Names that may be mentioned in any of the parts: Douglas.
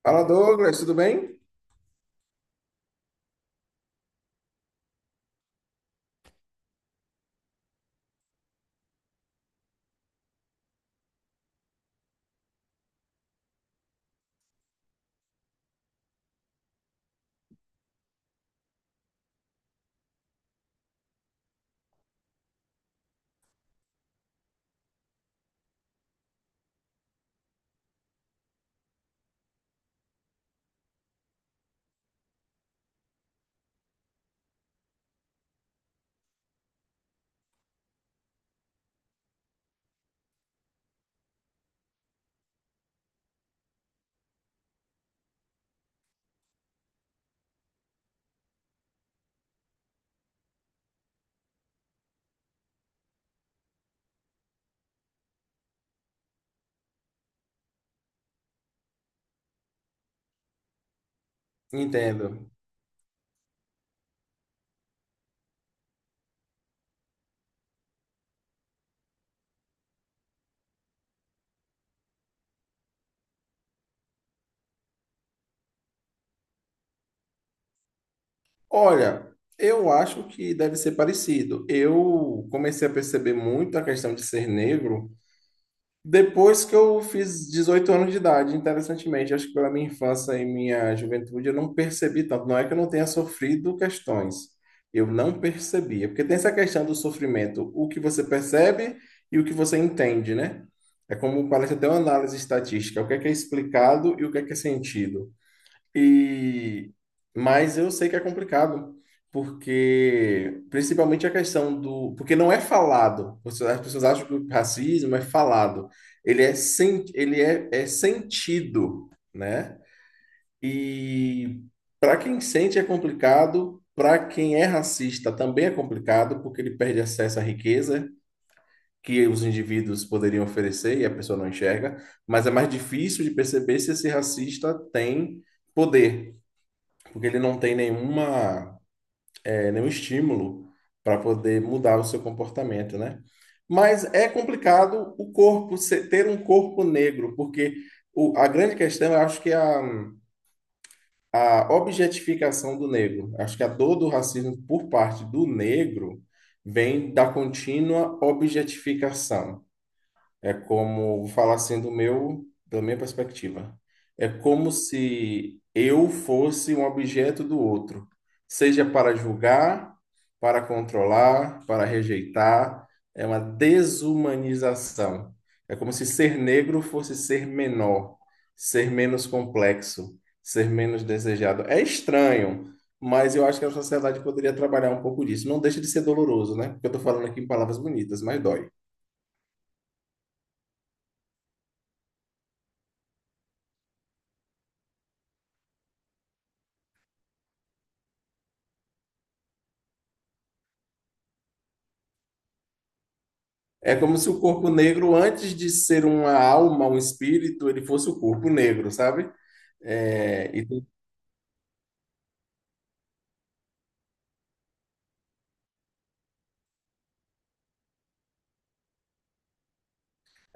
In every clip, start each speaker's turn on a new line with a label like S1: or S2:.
S1: Fala Douglas, tudo bem? Entendo. Olha, eu acho que deve ser parecido. Eu comecei a perceber muito a questão de ser negro depois que eu fiz 18 anos de idade, interessantemente. Acho que pela minha infância e minha juventude eu não percebi tanto. Não é que eu não tenha sofrido questões, eu não percebia. Porque tem essa questão do sofrimento, o que você percebe e o que você entende, né? É como parece até uma análise estatística, o que é explicado e o que é sentido. E mas eu sei que é complicado, porque principalmente porque não é falado. As pessoas acham que o racismo é falado. Ele é sentido, né? E para quem sente é complicado, para quem é racista também é complicado, porque ele perde acesso à riqueza que os indivíduos poderiam oferecer e a pessoa não enxerga, mas é mais difícil de perceber se esse racista tem poder, porque ele não tem nenhum estímulo para poder mudar o seu comportamento, né? Mas é complicado o corpo ter um corpo negro, porque a grande questão, eu acho que é a objetificação do negro. Acho que a dor do racismo por parte do negro vem da contínua objetificação. É como, vou falar assim da minha perspectiva. É como se eu fosse um objeto do outro, seja para julgar, para controlar, para rejeitar. É uma desumanização. É como se ser negro fosse ser menor, ser menos complexo, ser menos desejado. É estranho, mas eu acho que a sociedade poderia trabalhar um pouco disso. Não deixa de ser doloroso, né? Porque eu estou falando aqui em palavras bonitas, mas dói. É como se o corpo negro, antes de ser uma alma, um espírito, ele fosse o corpo negro, sabe? É, e tem-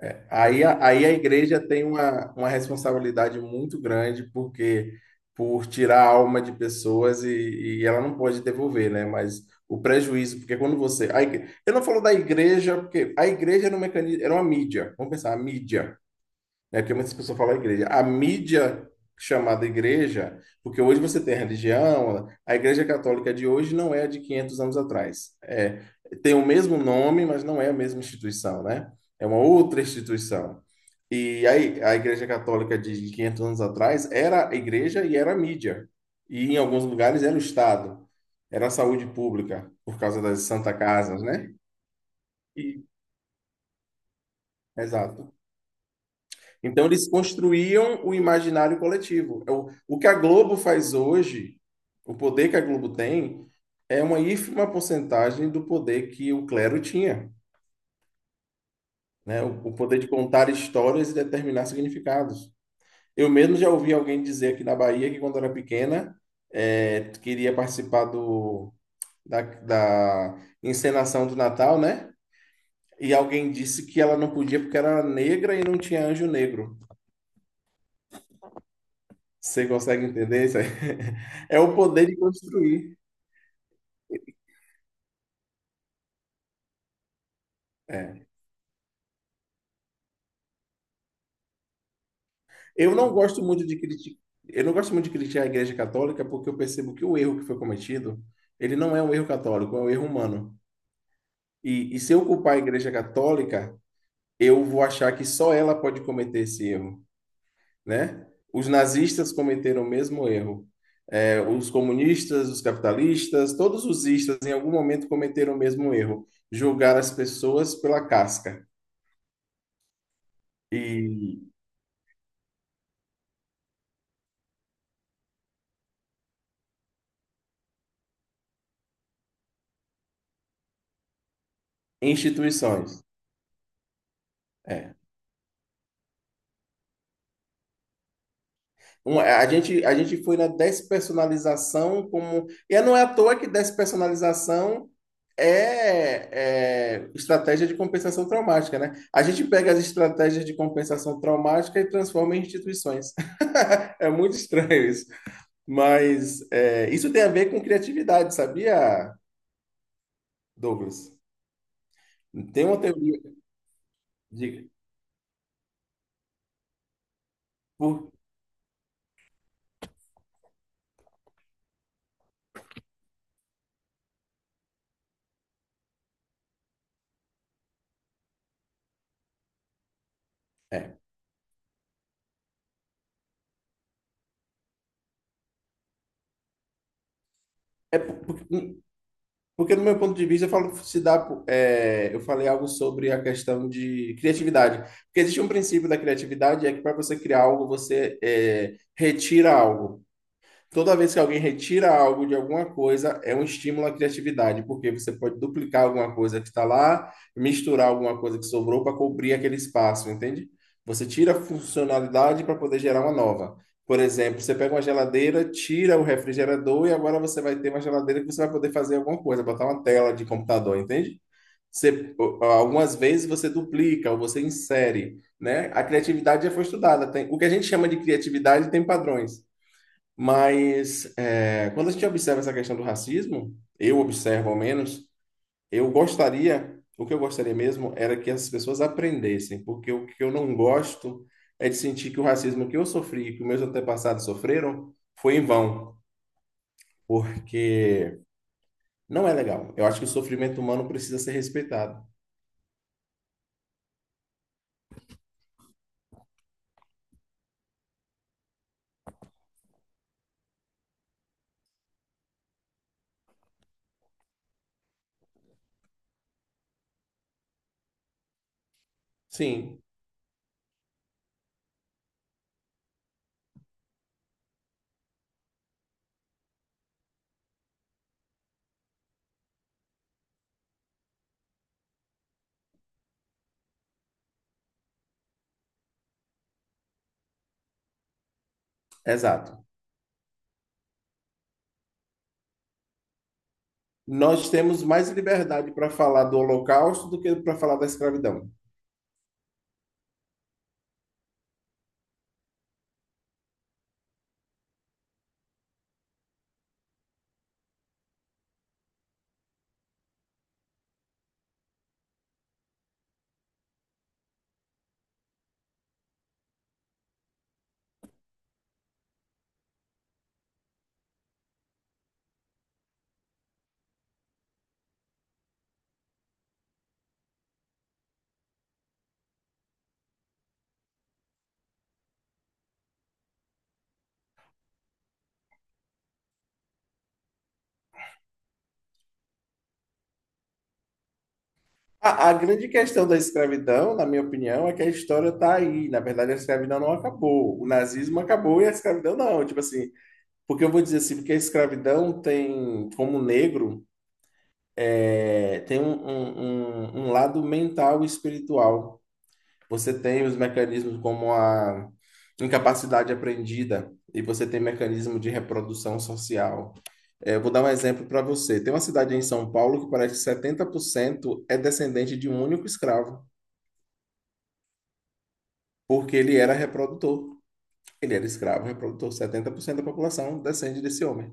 S1: aí a igreja tem uma responsabilidade muito grande, porque por tirar a alma de pessoas e ela não pode devolver, né? Porque quando você. A igre- eu não falo da igreja, porque a igreja era um mecanismo, era uma mídia. Vamos pensar, a mídia, né? Porque muitas pessoas falam igreja. A mídia chamada igreja, porque hoje você tem a religião, a igreja católica de hoje não é a de 500 anos atrás. É, tem o mesmo nome, mas não é a mesma instituição, né? É uma outra instituição. E aí, a igreja católica de 500 anos atrás era a igreja e era a mídia. E em alguns lugares era o Estado, era a saúde pública, por causa das Santa Casas, né? E- Exato. Então, eles construíam o imaginário coletivo. É o que a Globo faz hoje, o poder que a Globo tem, é uma ínfima porcentagem do poder que o clero tinha, né? O poder de contar histórias e determinar significados. Eu mesmo já ouvi alguém dizer aqui na Bahia que, quando era pequena, é, queria participar da encenação do Natal, né? E alguém disse que ela não podia porque era negra e não tinha anjo negro. Você consegue entender isso aí? É o poder de construir. É. Eu não gosto muito de criticar, eu não gosto muito de criticar a Igreja Católica porque eu percebo que o erro que foi cometido, ele não é um erro católico, é um erro humano. E se eu culpar a Igreja Católica, eu vou achar que só ela pode cometer esse erro, né? Os nazistas cometeram o mesmo erro. É, os comunistas, os capitalistas, todos os istas em algum momento cometeram o mesmo erro, julgar as pessoas pela casca. E Instituições. É. A gente foi na despersonalização como. E é, não é à toa que despersonalização é, é estratégia de compensação traumática, né? A gente pega as estratégias de compensação traumática e transforma em instituições. É muito estranho isso. Mas é, isso tem a ver com criatividade, sabia, Douglas? Tem uma teoria de. Por- é por- Porque, no meu ponto de vista, eu falo, se dá, é, eu falei algo sobre a questão de criatividade. Porque existe um princípio da criatividade, é que para você criar algo, você retira algo. Toda vez que alguém retira algo de alguma coisa, é um estímulo à criatividade, porque você pode duplicar alguma coisa que está lá, misturar alguma coisa que sobrou para cobrir aquele espaço, entende? Você tira a funcionalidade para poder gerar uma nova. Por exemplo, você pega uma geladeira, tira o refrigerador e agora você vai ter uma geladeira que você vai poder fazer alguma coisa, botar uma tela de computador, entende? Você, Algumas vezes você duplica ou você insere, né? A criatividade já foi estudada. Tem, o que a gente chama de criatividade tem padrões. Mas é, quando a gente observa essa questão do racismo, eu observo ao menos, eu gostaria, o que eu gostaria mesmo era que as pessoas aprendessem, porque o que eu não gosto é de sentir que o racismo que eu sofri, que meus antepassados sofreram, foi em vão, porque não é legal. Eu acho que o sofrimento humano precisa ser respeitado. Sim, exato. Nós temos mais liberdade para falar do Holocausto do que para falar da escravidão. A grande questão da escravidão, na minha opinião, é que a história está aí. Na verdade, a escravidão não acabou. O nazismo acabou e a escravidão não. Tipo assim, porque eu vou dizer assim, porque a escravidão tem, como negro, é, tem um lado mental e espiritual. Você tem os mecanismos como a incapacidade aprendida e você tem mecanismo de reprodução social. É, eu vou dar um exemplo para você. Tem uma cidade em São Paulo que parece que 70% é descendente de um único escravo. Porque ele era reprodutor. Ele era escravo, reprodutor. 70% da população descende desse homem.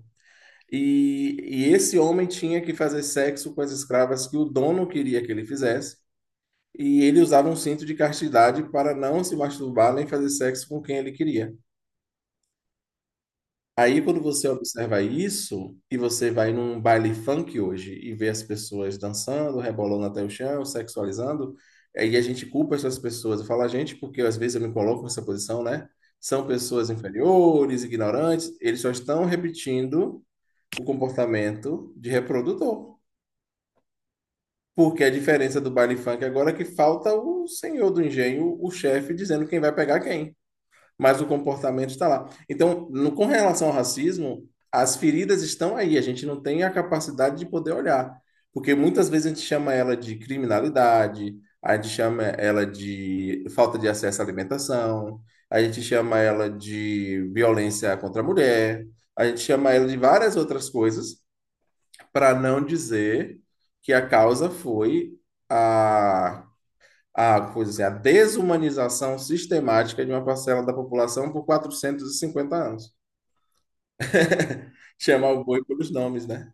S1: E, e esse homem tinha que fazer sexo com as escravas que o dono queria que ele fizesse. E ele usava um cinto de castidade para não se masturbar nem fazer sexo com quem ele queria. Aí, quando você observa isso, e você vai num baile funk hoje e vê as pessoas dançando, rebolando até o chão, sexualizando, aí a gente culpa essas pessoas. Eu falo a gente porque às vezes eu me coloco nessa posição, né? São pessoas inferiores, ignorantes, eles só estão repetindo o comportamento de reprodutor. Porque a diferença do baile funk agora é que falta o senhor do engenho, o chefe, dizendo quem vai pegar quem, mas o comportamento está lá. Então, no, com relação ao racismo, as feridas estão aí, a gente não tem a capacidade de poder olhar, porque muitas vezes a gente chama ela de criminalidade, a gente chama ela de falta de acesso à alimentação, a gente chama ela de violência contra a mulher, a gente chama ela de várias outras coisas, para não dizer que a causa foi a pois assim, a desumanização sistemática de uma parcela da população por 450 anos. Chamar o boi pelos nomes, né?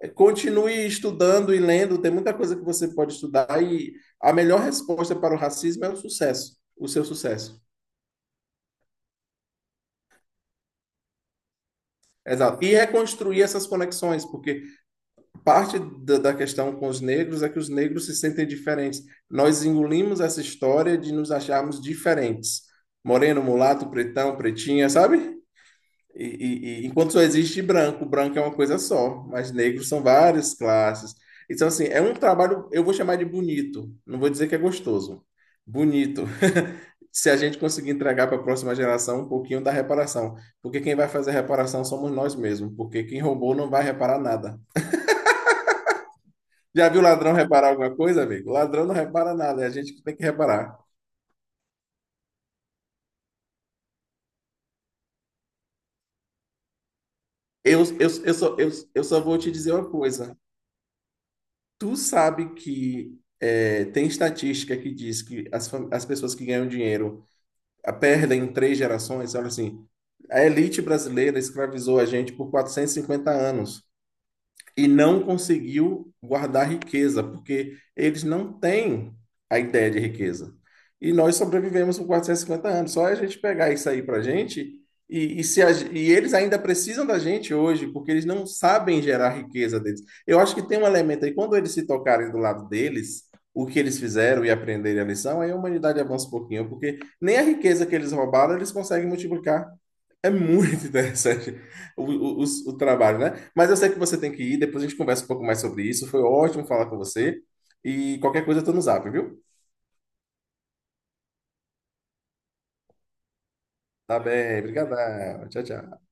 S1: É, continue estudando e lendo, tem muita coisa que você pode estudar e a melhor resposta para o racismo é o sucesso, o seu sucesso. Exato. E reconstruir essas conexões, porque parte da questão com os negros é que os negros se sentem diferentes. Nós engolimos essa história de nos acharmos diferentes. Moreno, mulato, pretão, pretinha, sabe? Enquanto só existe branco, branco é uma coisa só, mas negros são várias classes. Então, assim, é um trabalho, eu vou chamar de bonito, não vou dizer que é gostoso. Bonito. Se a gente conseguir entregar para a próxima geração um pouquinho da reparação. Porque quem vai fazer a reparação somos nós mesmos, porque quem roubou não vai reparar nada. Já viu ladrão reparar alguma coisa, amigo? Ladrão não repara nada, é a gente que tem que reparar. Eu só vou te dizer uma coisa. Tu sabe que é, tem estatística que diz que as pessoas que ganham dinheiro a perdem em três gerações. Olha assim, a elite brasileira escravizou a gente por 450 anos e não conseguiu guardar riqueza, porque eles não têm a ideia de riqueza. E nós sobrevivemos por 450 anos. Só é a gente pegar isso aí para a gente, e, se a- e eles ainda precisam da gente hoje, porque eles não sabem gerar riqueza deles. Eu acho que tem um elemento aí, quando eles se tocarem do lado deles, o que eles fizeram e aprenderem a lição, aí a humanidade avança um pouquinho, porque nem a riqueza que eles roubaram eles conseguem multiplicar. É muito interessante o, o, o- o trabalho, né? Mas eu sei que você tem que ir, depois a gente conversa um pouco mais sobre isso. Foi ótimo falar com você. E qualquer coisa eu tô no zap, viu? Tá bem, brigadão. Tchau, tchau.